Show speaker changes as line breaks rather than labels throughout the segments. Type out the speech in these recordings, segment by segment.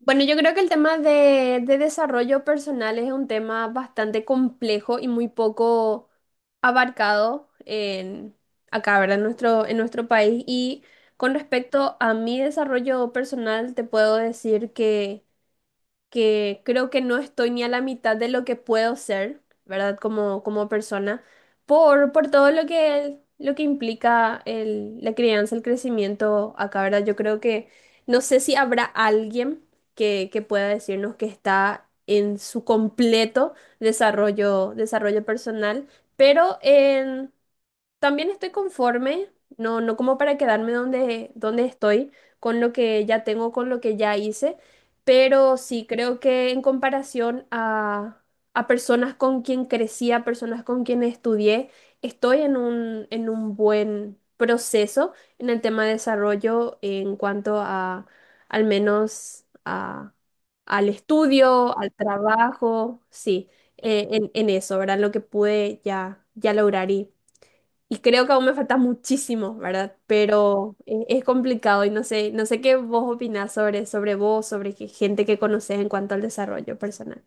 Bueno, yo creo que el tema de desarrollo personal es un tema bastante complejo y muy poco abarcado acá, ¿verdad? En en nuestro país. Y con respecto a mi desarrollo personal, te puedo decir que creo que no estoy ni a la mitad de lo que puedo ser, ¿verdad? Como persona, por todo lo que implica la crianza, el crecimiento acá, ¿verdad? Yo creo que no sé si habrá alguien que pueda decirnos que está en su completo desarrollo personal, pero en también estoy conforme, no como para quedarme donde estoy, con lo que ya tengo, con lo que ya hice, pero sí creo que en comparación a personas con quien crecí, a personas con quien estudié, estoy en en un buen proceso en el tema de desarrollo en cuanto al menos al estudio, al trabajo, sí, en eso, ¿verdad? Lo que pude ya lograr y creo que aún me falta muchísimo, ¿verdad? Pero es complicado y no sé, no sé qué vos opinás sobre vos, sobre qué gente que conoces en cuanto al desarrollo personal.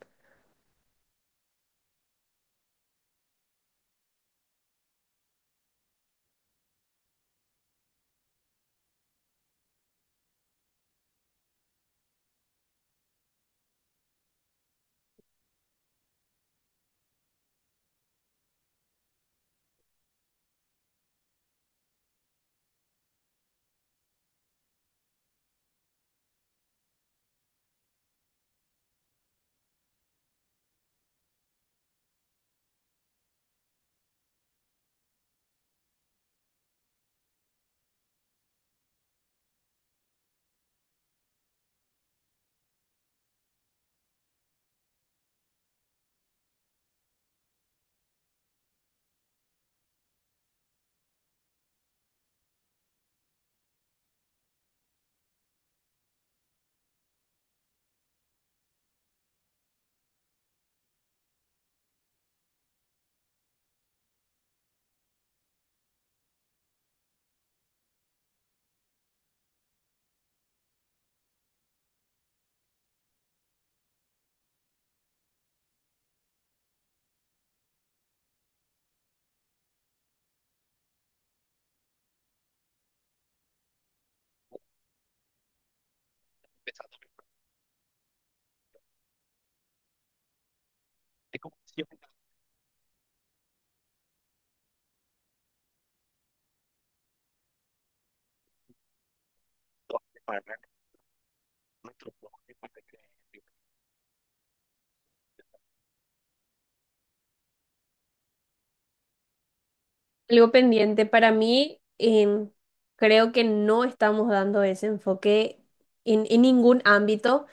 Algo pendiente para mí, creo que no estamos dando ese enfoque en ningún ámbito,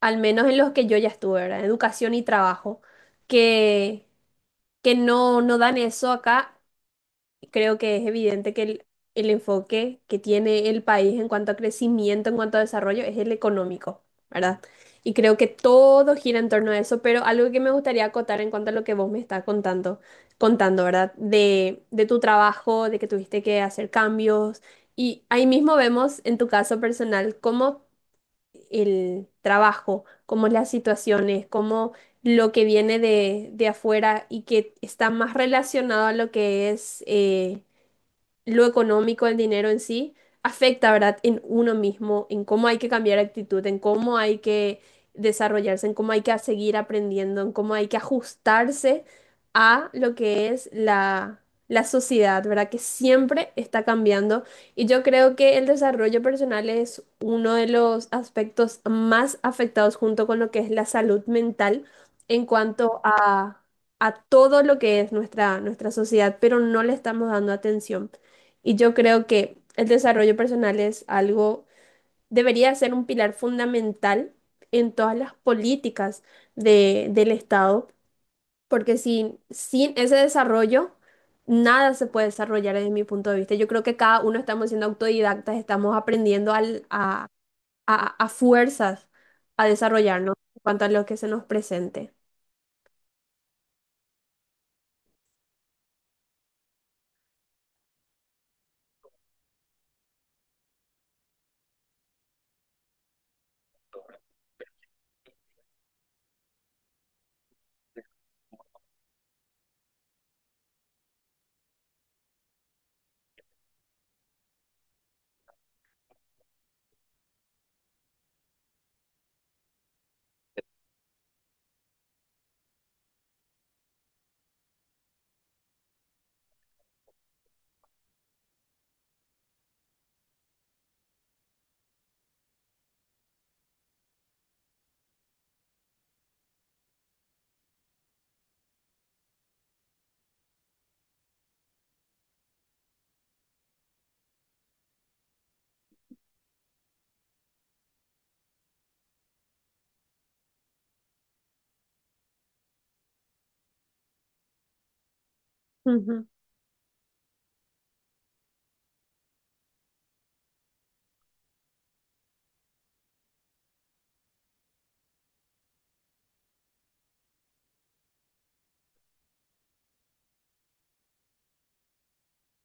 al menos en los que yo ya estuve, ¿verdad? Educación y trabajo, que, que no, no dan eso acá. Creo que es evidente que el enfoque que tiene el país en cuanto a crecimiento, en cuanto a desarrollo, es el económico, ¿verdad? Y creo que todo gira en torno a eso, pero algo que me gustaría acotar en cuanto a lo que vos me estás contando, ¿verdad? De tu trabajo, de que tuviste que hacer cambios. Y ahí mismo vemos en tu caso personal cómo el trabajo, cómo las situaciones, cómo lo que viene de afuera y que está más relacionado a lo que es... lo económico, el dinero en sí, afecta, ¿verdad?, en uno mismo, en cómo hay que cambiar actitud, en cómo hay que desarrollarse, en cómo hay que seguir aprendiendo, en cómo hay que ajustarse a lo que es la sociedad, ¿verdad?, que siempre está cambiando. Y yo creo que el desarrollo personal es uno de los aspectos más afectados junto con lo que es la salud mental en cuanto a todo lo que es nuestra sociedad, pero no le estamos dando atención. Y yo creo que el desarrollo personal es algo, debería ser un pilar fundamental en todas las políticas del Estado, porque sin ese desarrollo, nada se puede desarrollar desde mi punto de vista. Yo creo que cada uno estamos siendo autodidactas, estamos aprendiendo a fuerzas a desarrollarnos en cuanto a lo que se nos presente.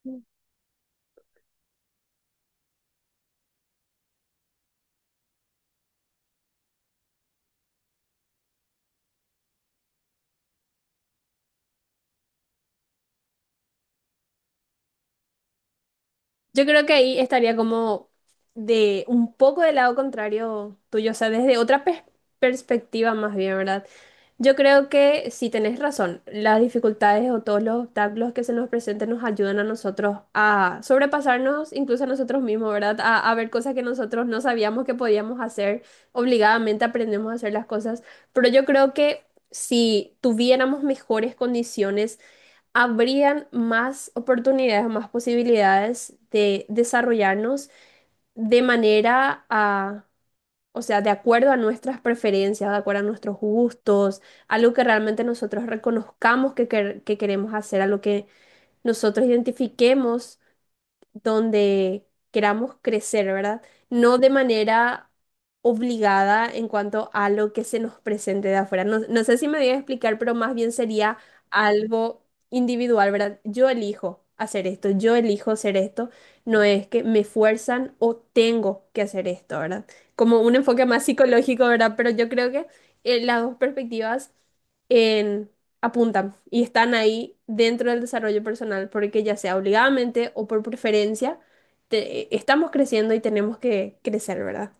Ujú. Yo creo que ahí estaría como de un poco del lado contrario tuyo, o sea, desde otra perspectiva más bien, ¿verdad? Yo creo que sí tenés razón, las dificultades o todos los obstáculos que se nos presenten nos ayudan a nosotros a sobrepasarnos, incluso a nosotros mismos, ¿verdad? A ver cosas que nosotros no sabíamos que podíamos hacer, obligadamente aprendemos a hacer las cosas, pero yo creo que si tuviéramos mejores condiciones, habrían más oportunidades, más posibilidades de desarrollarnos de manera o sea, de acuerdo a nuestras preferencias, de acuerdo a nuestros gustos, a lo que realmente nosotros reconozcamos que queremos hacer, a lo que nosotros identifiquemos donde queramos crecer, ¿verdad? No de manera obligada en cuanto a lo que se nos presente de afuera. No, no sé si me voy a explicar, pero más bien sería algo individual, ¿verdad? Yo elijo hacer esto, yo elijo hacer esto, no es que me fuerzan o tengo que hacer esto, ¿verdad? Como un enfoque más psicológico, ¿verdad? Pero yo creo que las dos perspectivas en apuntan y están ahí dentro del desarrollo personal, porque ya sea obligadamente o por preferencia, estamos creciendo y tenemos que crecer, ¿verdad?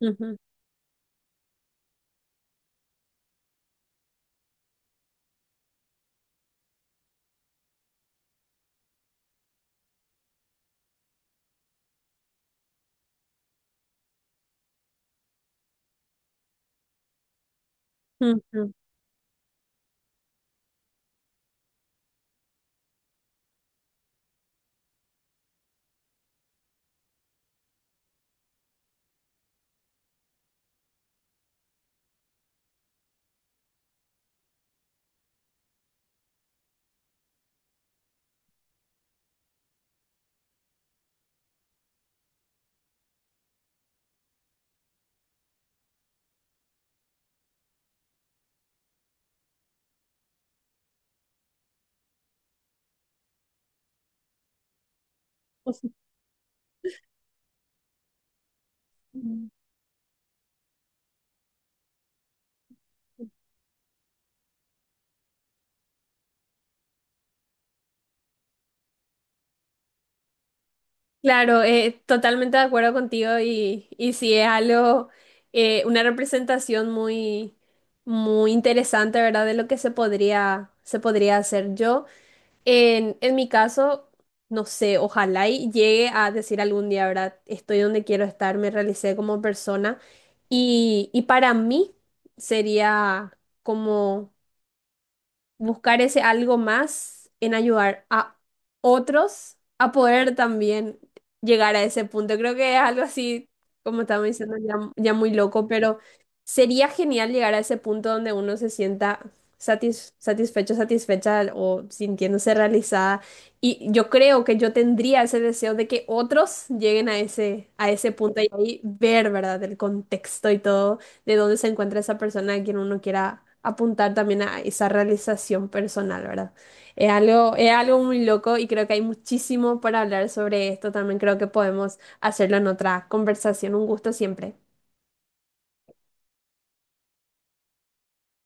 Ujú, ujú, ujú. Claro, totalmente de acuerdo contigo y sí es algo, una representación muy interesante, ¿verdad? De lo que se se podría hacer. Yo en mi caso, no sé, ojalá y llegue a decir algún día, ¿verdad? Estoy donde quiero estar, me realicé como persona y para mí sería como buscar ese algo más en ayudar a otros a poder también llegar a ese punto. Creo que es algo así, como estamos diciendo, ya muy loco, pero sería genial llegar a ese punto donde uno se sienta satisfecho, satisfecha o sintiéndose realizada. Y yo creo que yo tendría ese deseo de que otros lleguen a a ese punto y ahí ver, ¿verdad?, el contexto y todo de dónde se encuentra esa persona a quien uno quiera apuntar también a esa realización personal, ¿verdad? Es algo muy loco y creo que hay muchísimo para hablar sobre esto. También creo que podemos hacerlo en otra conversación. Un gusto siempre.